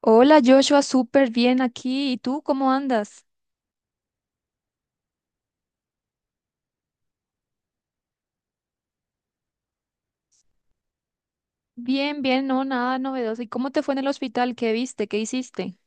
Hola Joshua, súper bien aquí. ¿Y tú cómo andas? Bien, no, nada novedoso. ¿Y cómo te fue en el hospital? ¿Qué viste? ¿Qué hiciste?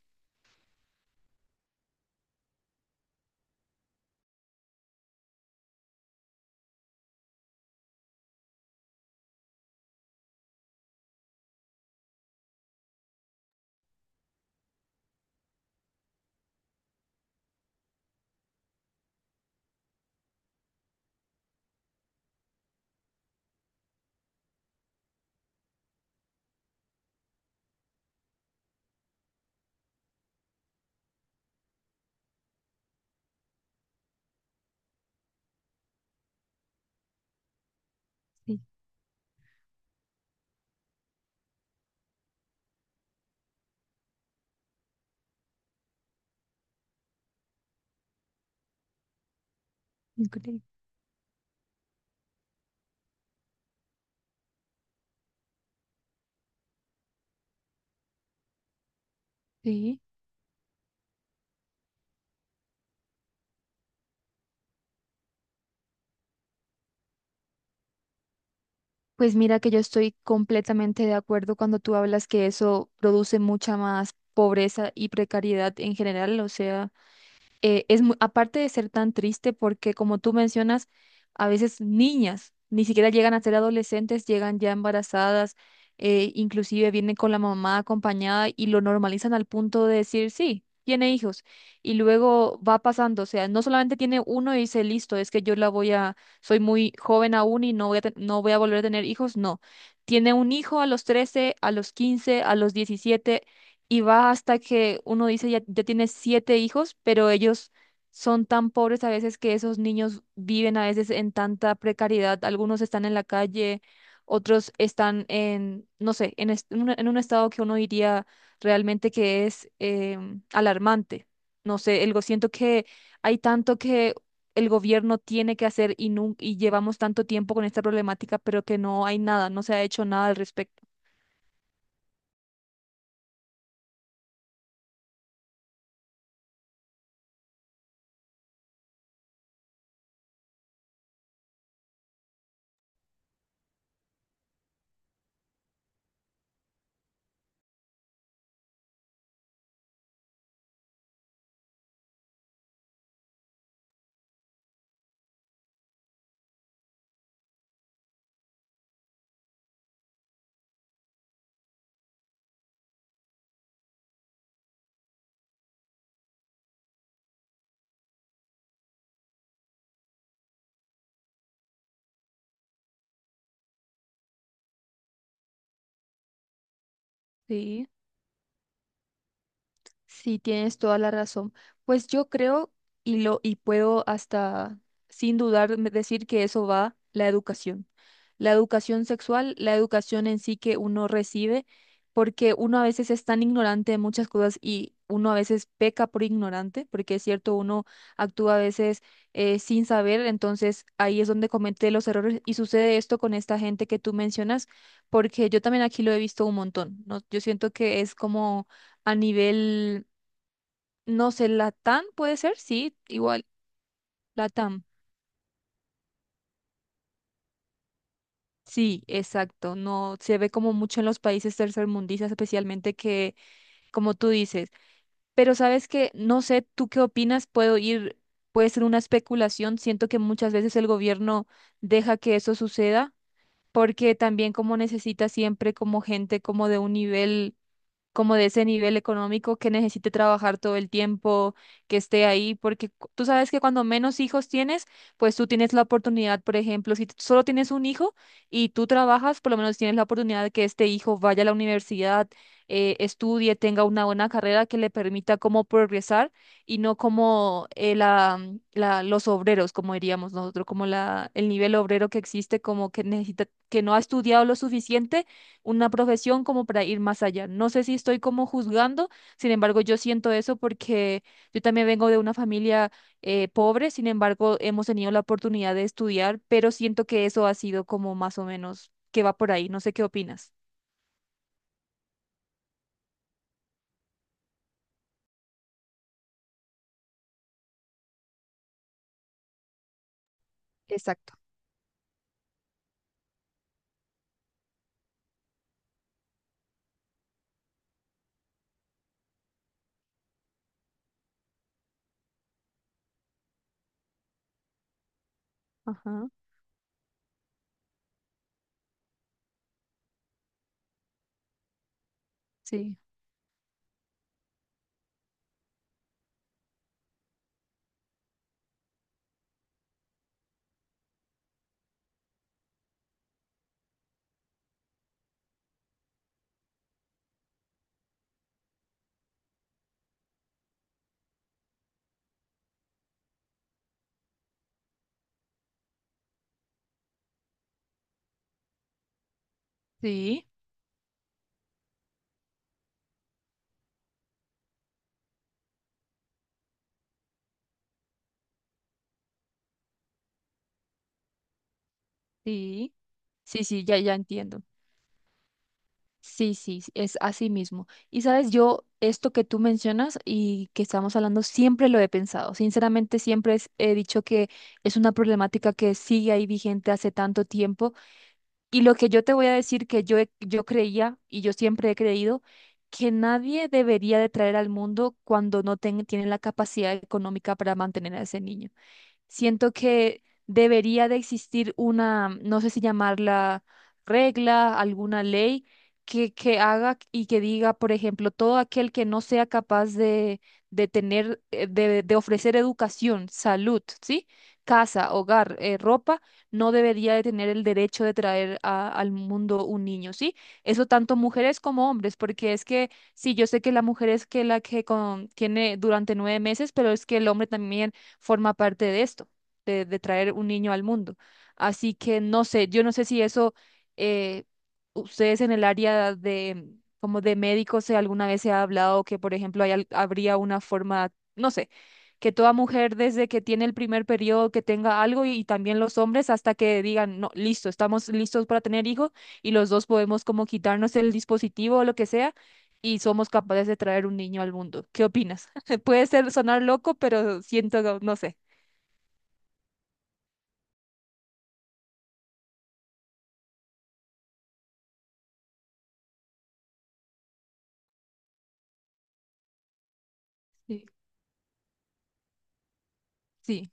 Sí, increíble. Sí. Pues mira que yo estoy completamente de acuerdo cuando tú hablas que eso produce mucha más pobreza y precariedad en general. O sea, es aparte de ser tan triste, porque como tú mencionas, a veces niñas ni siquiera llegan a ser adolescentes, llegan ya embarazadas, inclusive vienen con la mamá acompañada y lo normalizan al punto de decir, sí, tiene hijos. Y luego va pasando, o sea, no solamente tiene uno y dice, listo, es que yo la voy a, soy muy joven aún y no voy a, no voy a volver a tener hijos, no. Tiene un hijo a los 13, a los 15, a los 17, y va hasta que uno dice ya, ya tiene siete hijos, pero ellos son tan pobres a veces que esos niños viven a veces en tanta precariedad. Algunos están en la calle, otros están en, no sé, en un estado que uno diría realmente que es alarmante. No sé, siento que hay tanto que el gobierno tiene que hacer y, y llevamos tanto tiempo con esta problemática, pero que no hay nada, no se ha hecho nada al respecto. Sí, tienes toda la razón. Pues yo creo y puedo hasta sin dudar decir que eso va la educación. La educación sexual, la educación en sí que uno recibe, porque uno a veces es tan ignorante de muchas cosas y uno a veces peca por ignorante, porque es cierto, uno actúa a veces sin saber, entonces ahí es donde comete los errores y sucede esto con esta gente que tú mencionas, porque yo también aquí lo he visto un montón, ¿no? Yo siento que es como a nivel no sé, Latam puede ser, sí, igual, Latam. Sí, exacto. No se ve como mucho en los países tercermundistas, especialmente que, como tú dices. Pero sabes que, no sé, ¿tú qué opinas? Puedo ir, puede ser una especulación. Siento que muchas veces el gobierno deja que eso suceda, porque también como necesita siempre como gente como de un nivel como de ese nivel económico que necesite trabajar todo el tiempo, que esté ahí, porque tú sabes que cuando menos hijos tienes, pues tú tienes la oportunidad, por ejemplo, si solo tienes un hijo y tú trabajas, por lo menos tienes la oportunidad de que este hijo vaya a la universidad, estudie, tenga una buena carrera que le permita como progresar y no como los obreros, como diríamos nosotros, como la, el nivel obrero que existe, como que necesita, que no ha estudiado lo suficiente una profesión como para ir más allá. No sé si estoy como juzgando, sin embargo, yo siento eso porque yo también vengo de una familia pobre, sin embargo, hemos tenido la oportunidad de estudiar, pero siento que eso ha sido como más o menos que va por ahí. No sé qué opinas. Exacto. Ajá, sí, sí, sí, sí, ya, ya entiendo. Sí, es así mismo. Y sabes, yo esto que tú mencionas y que estamos hablando, siempre lo he pensado. Sinceramente, siempre he dicho que es una problemática que sigue ahí vigente hace tanto tiempo. Y lo que yo te voy a decir que yo, yo creía y yo siempre he creído que nadie debería de traer al mundo cuando no tiene la capacidad económica para mantener a ese niño. Siento que debería de existir una, no sé si llamarla regla, alguna ley que haga y que diga, por ejemplo, todo aquel que no sea capaz de tener, de ofrecer educación, salud, ¿sí? Casa, hogar, ropa, no debería de tener el derecho de traer al mundo un niño, ¿sí? Eso tanto mujeres como hombres, porque es que... Sí, yo sé que la mujer es que la que tiene durante 9 meses, pero es que el hombre también forma parte de esto, de traer un niño al mundo. Así que no sé, yo no sé si eso, eh, ustedes en el área de, como de médicos, si alguna vez se ha hablado que, por ejemplo, hay habría una forma, no sé, que toda mujer desde que tiene el primer periodo que tenga algo y también los hombres hasta que digan, no, listo, estamos listos para tener hijos y los dos podemos como quitarnos el dispositivo o lo que sea y somos capaces de traer un niño al mundo. ¿Qué opinas? Puede ser sonar loco, pero siento, no sé. Sí, sí.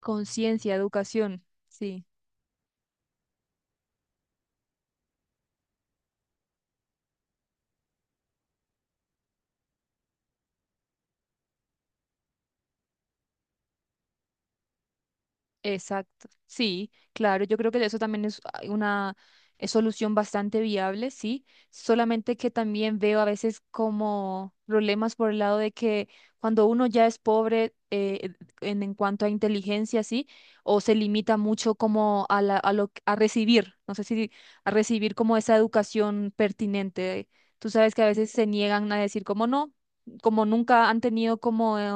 Conciencia, educación, sí. Exacto, sí, claro, yo creo que eso también es ah, una solución bastante viable, sí, solamente que también veo a veces como problemas por el lado de que cuando uno ya es pobre en cuanto a inteligencia, sí, o se limita mucho como a la, a lo, a recibir, no sé si a recibir como esa educación pertinente. Tú sabes que a veces se niegan a decir como no, como nunca han tenido como...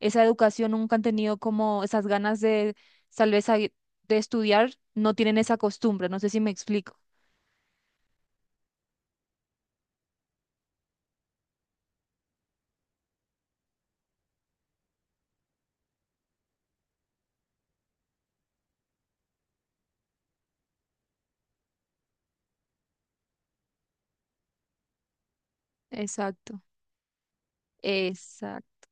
esa educación, nunca han tenido como esas ganas de tal vez ahí de estudiar, no tienen esa costumbre, no sé si me explico. Exacto, Exacto,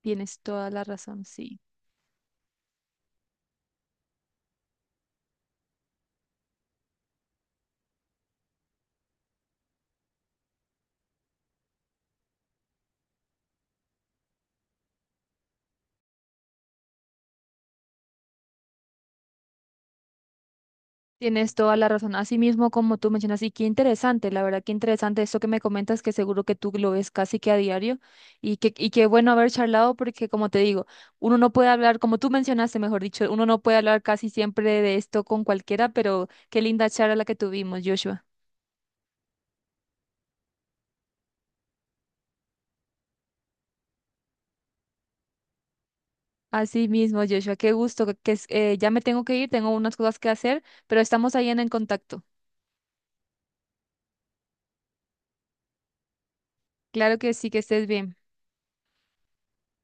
tienes toda la razón, sí. Tienes toda la razón. Así mismo como tú mencionas, y qué interesante, la verdad, qué interesante esto que me comentas, que seguro que tú lo ves casi que a diario, y que, y qué bueno haber charlado, porque como te digo, uno no puede hablar, como tú mencionaste, mejor dicho, uno no puede hablar casi siempre de esto con cualquiera, pero qué linda charla la que tuvimos, Joshua. Así mismo, Joshua, qué gusto, ya me tengo que ir, tengo unas cosas que hacer, pero estamos ahí en el contacto. Claro que sí, que estés bien.